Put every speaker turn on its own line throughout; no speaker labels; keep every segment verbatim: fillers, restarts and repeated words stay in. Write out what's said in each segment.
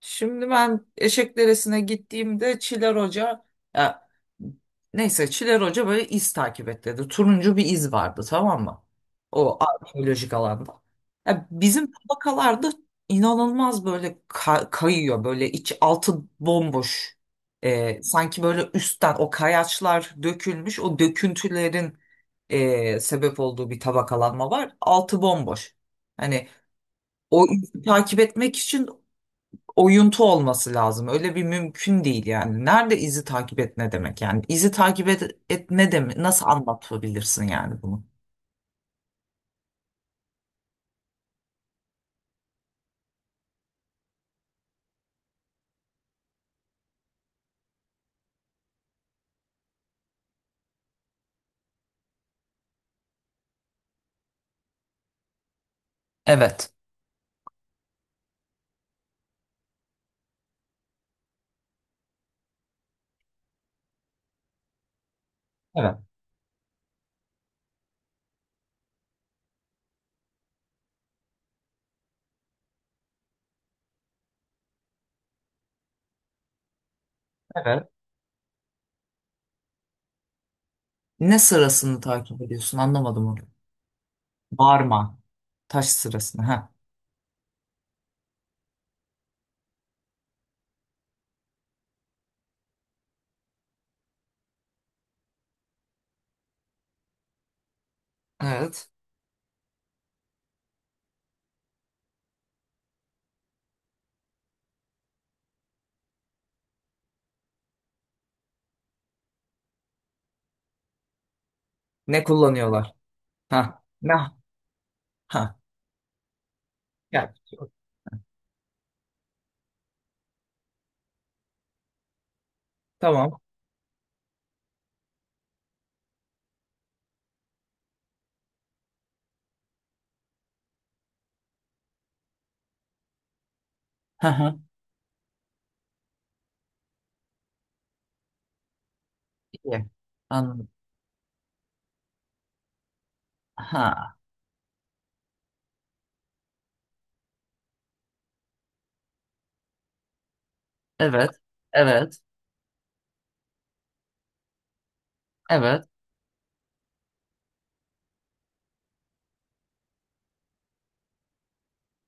Şimdi ben Eşek gittiğimde Çiler Hoca ya, neyse Çiler Hoca böyle iz takip et dedi. Turuncu bir iz vardı, tamam mı? O arkeolojik alanda. Ya, bizim tabakalarda inanılmaz böyle ka- kayıyor. Böyle iç altı bomboş. Ee, sanki böyle üstten o kayaçlar dökülmüş. O döküntülerin ee, sebep olduğu bir tabakalanma var. Altı bomboş. Hani o izi takip etmek için oyuntu olması lazım. Öyle bir mümkün değil yani. Nerede izi takip et ne demek yani? İzi takip et, et ne demek? Nasıl anlatabilirsin yani bunu? Evet. Evet. Evet. Ne sırasını takip ediyorsun? Anlamadım onu. Varma. Taş sırasını. Ha. Evet. Ne kullanıyorlar? Ha. Ne? Ha. Ya. Tamam. Ha ha. İyi. Anladım. Ha. Evet. Evet. Evet.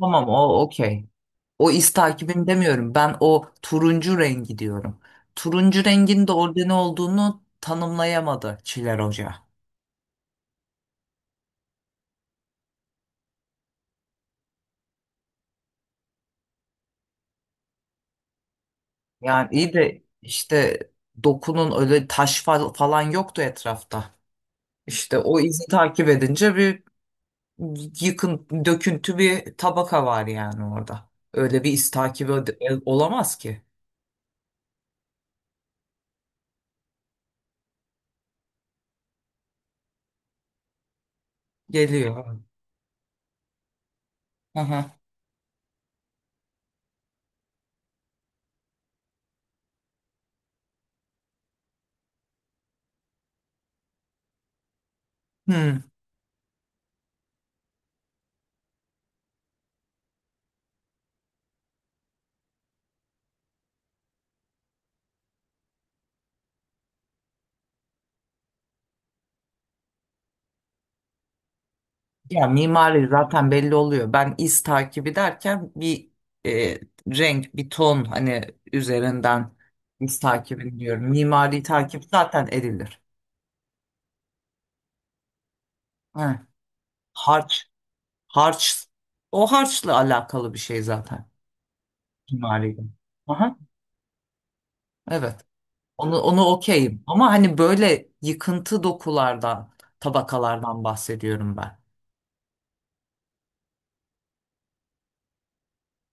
Tamam o okey. O iz takibim demiyorum. Ben o turuncu rengi diyorum. Turuncu rengin de orada ne olduğunu tanımlayamadı Çiler Hoca. Yani iyi de işte dokunun öyle taş fal- falan yoktu etrafta. İşte o izi takip edince bir yıkın, döküntü bir tabaka var yani orada. Öyle bir iz takibi öde- olamaz ki. Geliyor. Aha. Hmm. Ya mimari zaten belli oluyor. Ben iz takibi derken bir e, renk, bir ton hani üzerinden iz takibi diyorum. Mimari takip zaten edilir. He. Harç, harç, o harçla alakalı bir şey zaten mimari. Aha, evet. Onu, onu okeyim. Ama hani böyle yıkıntı dokulardan, tabakalardan bahsediyorum ben.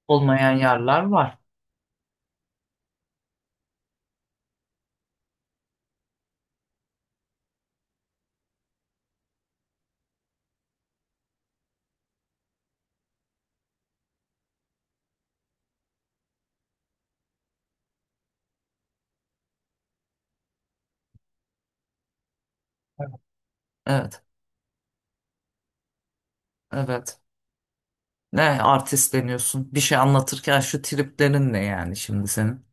Olmayan yerler var. Evet, evet. Ne artistleniyorsun? Bir şey anlatırken şu triplerin ne yani şimdi senin?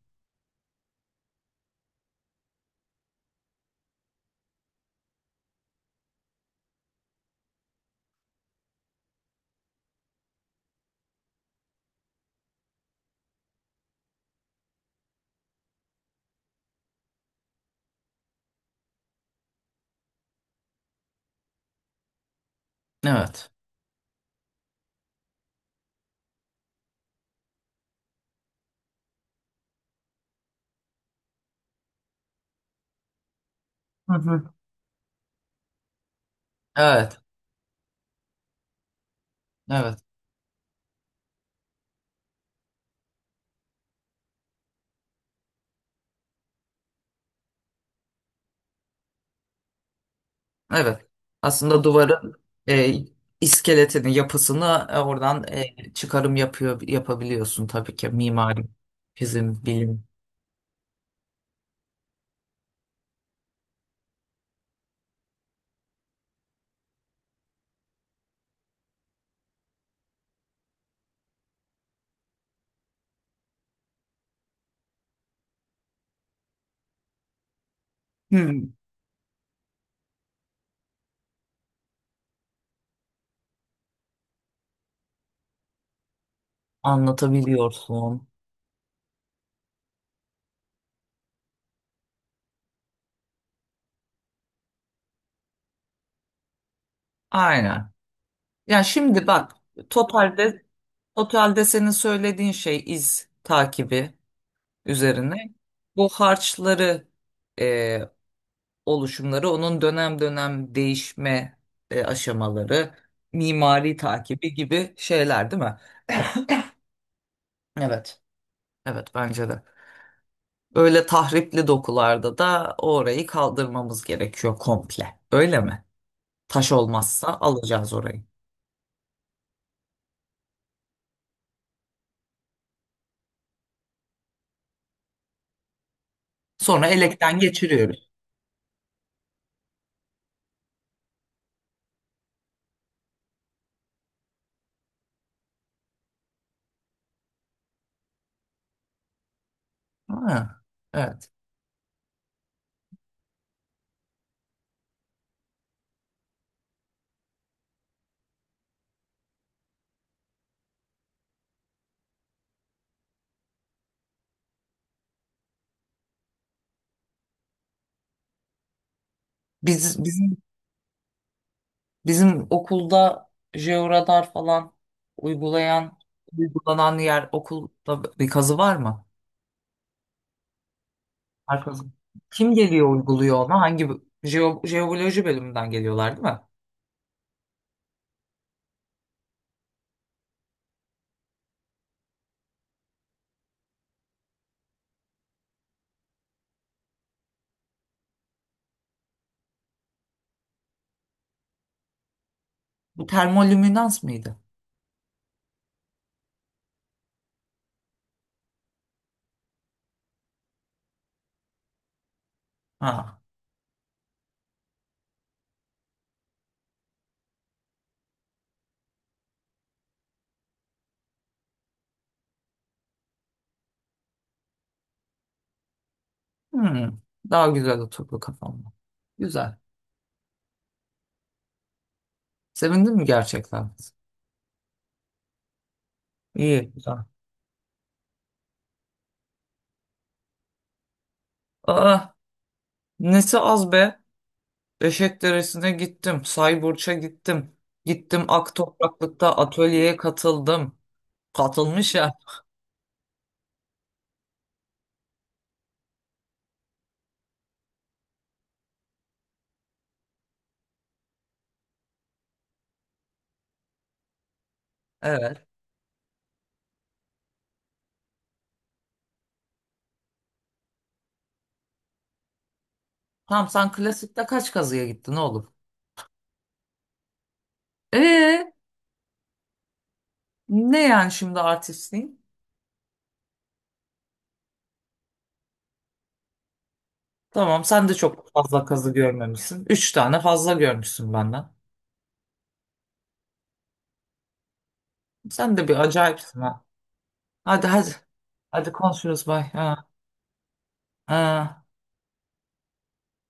Evet. Hı hı. Evet. Evet. Evet. Aslında duvarın e, iskeletini, yapısını e, oradan e, çıkarım yapıyor yapabiliyorsun tabii ki mimari, bizim bilim. Hmm. Anlatabiliyorsun. Aynen. Ya şimdi bak, totalde totalde senin söylediğin şey iz takibi üzerine. Bu harçları, e, oluşumları onun dönem dönem değişme, e, aşamaları mimari takibi gibi şeyler değil mi? Evet. Evet bence de. Öyle tahripli dokularda da orayı kaldırmamız gerekiyor komple. Öyle mi? Taş olmazsa alacağız orayı. Sonra elekten geçiriyoruz. Ha, evet. Biz, bizim Bizim okulda jeoradar falan uygulayan, uygulanan yer, okulda bir kazı var mı? Her kazı. Kim geliyor uyguluyor ona? Hangi jeo, jeoloji bölümünden geliyorlar değil mi? Bu termolüminans mıydı? Ha. Hmm. Daha güzel oturdu kafamda. Güzel. Sevindin mi gerçekten? İyi, güzel. Aa, nesi az be? Beşik Deresi'ne gittim. Sayburç'a gittim. Gittim, Ak Topraklık'ta atölyeye katıldım. Katılmış ya. Evet. Tamam, sen klasikte kaç kazıya gittin oğlum? Ee, ne yani şimdi artistliğin? Tamam sen de çok fazla kazı görmemişsin. Üç tane fazla görmüşsün benden. Sen de bir acayipsin ha. Hadi hadi. Hadi konuşuruz, bay. Ha, ha.